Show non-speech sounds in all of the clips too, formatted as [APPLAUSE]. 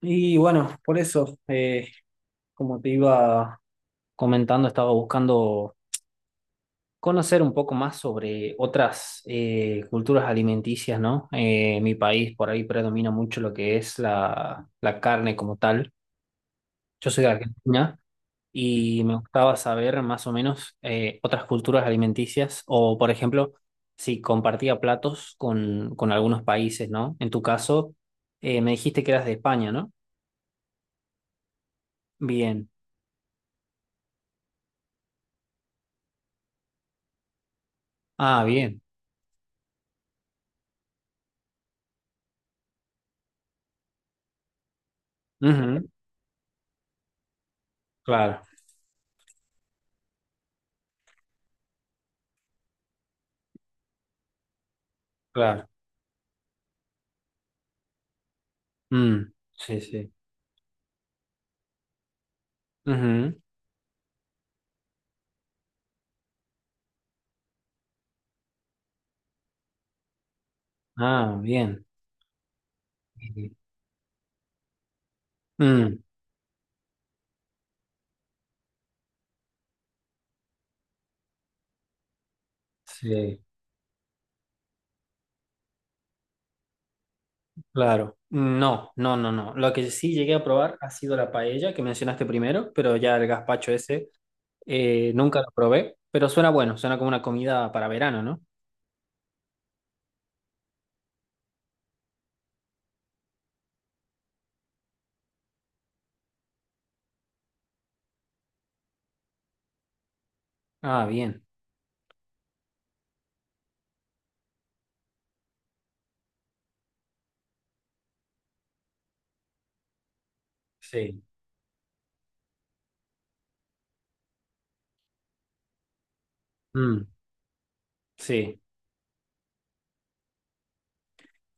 Y bueno, por eso, como te iba comentando, estaba buscando conocer un poco más sobre otras culturas alimenticias, ¿no? En mi país por ahí predomina mucho lo que es la carne como tal. Yo soy de Argentina y me gustaba saber más o menos otras culturas alimenticias o, por ejemplo, si compartía platos con algunos países, ¿no? En tu caso, me dijiste que eras de España, ¿no? Bien. Ah, bien. Ujú. Claro, claro. Mm, sí, sí. Ujú. Ah, bien. Mm, sí, claro. No, no, no, no. Lo que sí llegué a probar ha sido la paella que mencionaste primero, pero ya el gazpacho ese nunca lo probé, pero suena bueno, suena como una comida para verano, ¿no? Ah, bien. Sí. Mm, sí.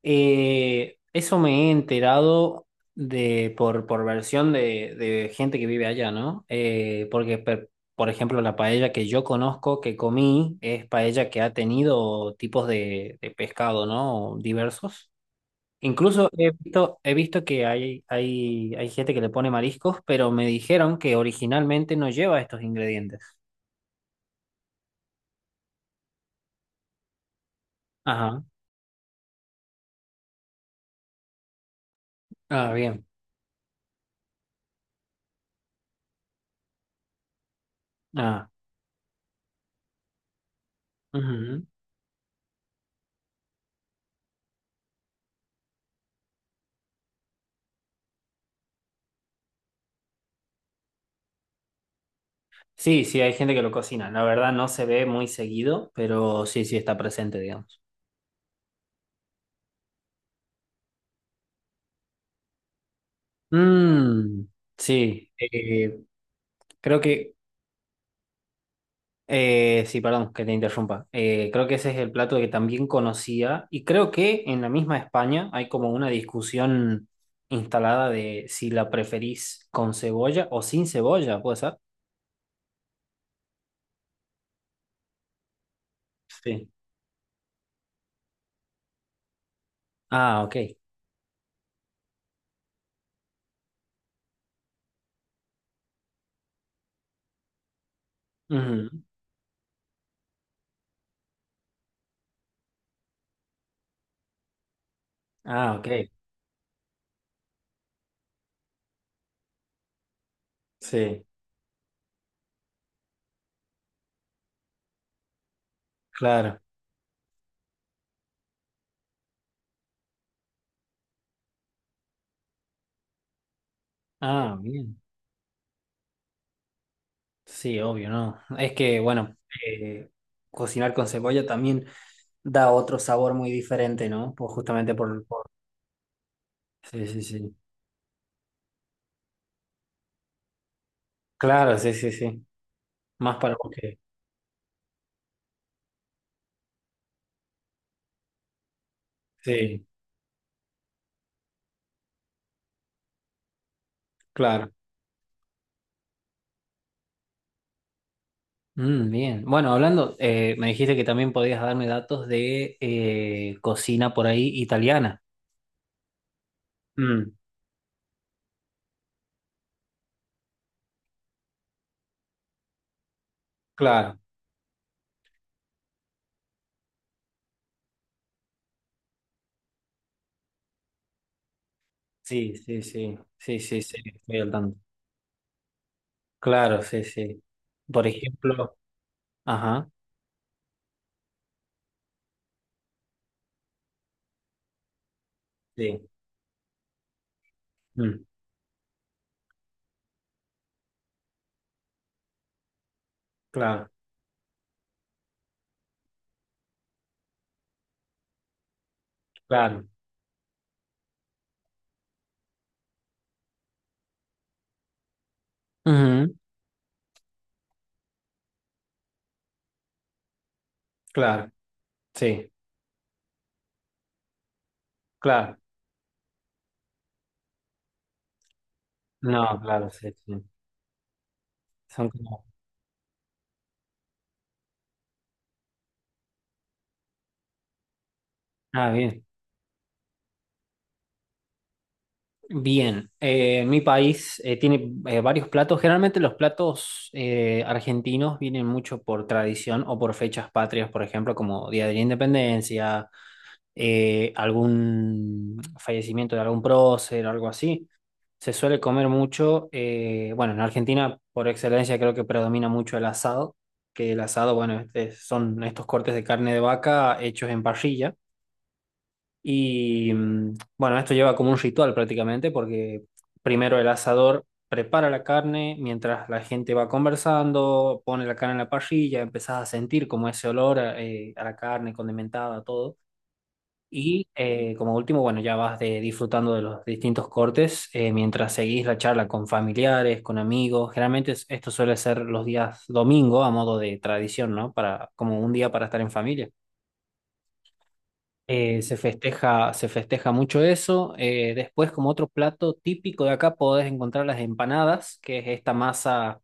Eso me he enterado de por versión de gente que vive allá, ¿no? Por ejemplo, la paella que yo conozco, que comí, es paella que ha tenido tipos de pescado, ¿no? Diversos. Incluso he visto que hay gente que le pone mariscos, pero me dijeron que originalmente no lleva estos ingredientes. Ajá. Ah, bien. Ah. Sí, sí, hay gente que lo cocina. La verdad no se ve muy seguido, pero sí, sí está presente, digamos. Mm, sí, creo que... Sí, perdón, que te interrumpa. Creo que ese es el plato que también conocía y creo que en la misma España hay como una discusión instalada de si la preferís con cebolla o sin cebolla, ¿puede ser? Sí. Ah, ok. Ujú. Ah, ok. Sí, claro. Ah, bien. Sí, obvio, ¿no? Es que, bueno, eh, cocinar con cebolla también da otro sabor muy diferente, ¿no? Pues justamente sí, sí, sí. Claro, sí, sí, sí. Más para vos que... Sí, claro. Mm, bien. Bueno, hablando, me dijiste que también podías darme datos de cocina por ahí italiana. Mm, claro. Sí, sí, sí. Sí, sí, sí. Estoy al tanto. Claro, sí, sí. Por ejemplo, ajá, sí. Mm, claro, claro. Ujú. Claro, sí, claro. No, claro, sí, sí. Son como... Ah, bien. Bien, mi país tiene varios platos. Generalmente los platos argentinos vienen mucho por tradición o por fechas patrias, por ejemplo, como Día de la Independencia, algún fallecimiento de algún prócer, algo así. Se suele comer mucho. Bueno, en Argentina, por excelencia, creo que predomina mucho el asado, que el asado, son estos cortes de carne de vaca hechos en parrilla. Y bueno, esto lleva como un ritual prácticamente, porque primero el asador prepara la carne, mientras la gente va conversando, pone la carne en la parrilla, empezás a sentir como ese olor a la carne condimentada, todo. Y como último, bueno, ya disfrutando de los distintos cortes mientras seguís la charla con familiares, con amigos. Generalmente esto suele ser los días domingo a modo de tradición, ¿no? Para, como un día para estar en familia. Se festeja, se festeja mucho eso. Después, como otro plato típico de acá, podés encontrar las empanadas, que es esta masa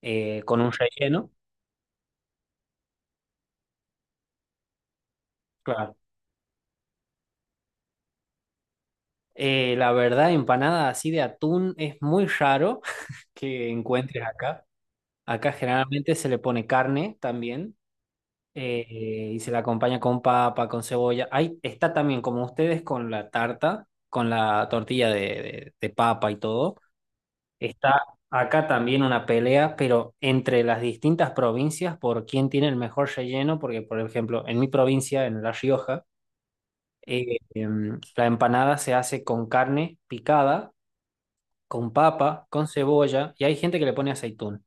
con un relleno. Claro. La verdad, empanada así de atún es muy raro [LAUGHS] que encuentres acá. Acá generalmente se le pone carne también y se la acompaña con papa, con cebolla. Ahí está también, como ustedes, con la tarta, con la tortilla de papa y todo. Está acá también una pelea, pero entre las distintas provincias por quién tiene el mejor relleno, porque por ejemplo, en mi provincia, en La Rioja, la empanada se hace con carne picada, con papa, con cebolla, y hay gente que le pone aceitún.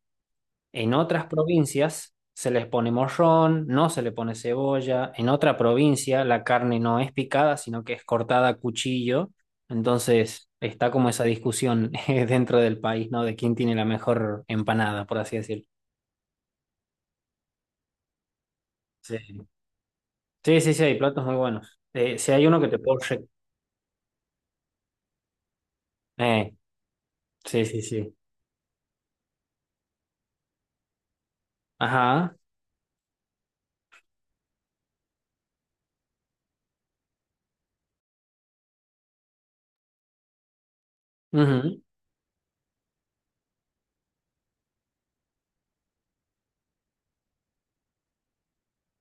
En otras provincias se les pone morrón, no se le pone cebolla. En otra provincia la carne no es picada, sino que es cortada a cuchillo. Entonces está como esa discusión [LAUGHS] dentro del país, ¿no? De quién tiene la mejor empanada, por así decirlo. Sí, sí, sí, sí, hay platos muy buenos. Si hay uno que te puedo... eh, sí, sí, sí. Ajá. Ujú,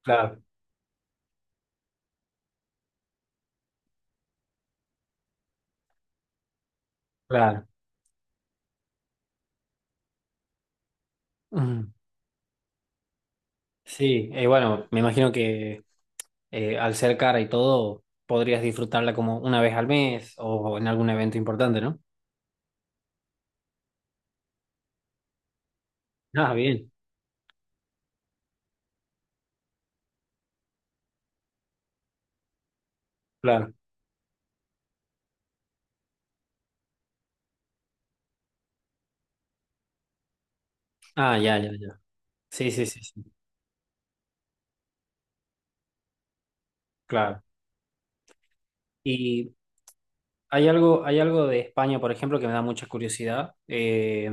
claro, claro. Ujú. Sí, bueno, me imagino que al ser cara y todo, podrías disfrutarla como una vez al mes o en algún evento importante, ¿no? Ah, bien, claro. Ah, ya, ya, ya. Sí, sí, sí, sí, claro. Y hay algo de España, por ejemplo, que me da mucha curiosidad.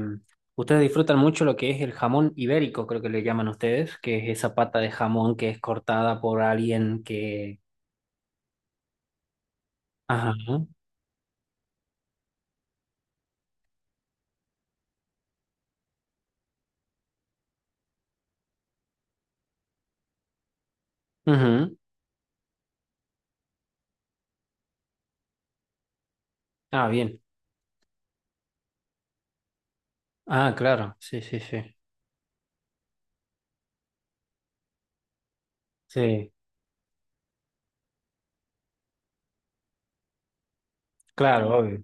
Ustedes disfrutan mucho lo que es el jamón ibérico, creo que le llaman ustedes, que es esa pata de jamón que es cortada por alguien que... Ajá. Ujú. Ah, bien. Ah, claro. Sí, sí, sí. Sí, claro, obvio.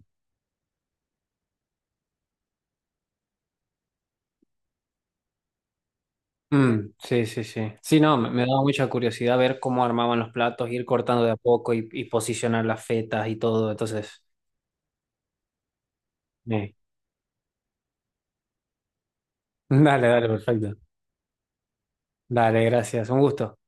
Mm, sí, sí, sí. Sí, no, me daba mucha curiosidad ver cómo armaban los platos, ir cortando de a poco y posicionar las fetas y todo. Entonces, eh, [LAUGHS] dale, dale, perfecto. Dale, gracias. Un gusto.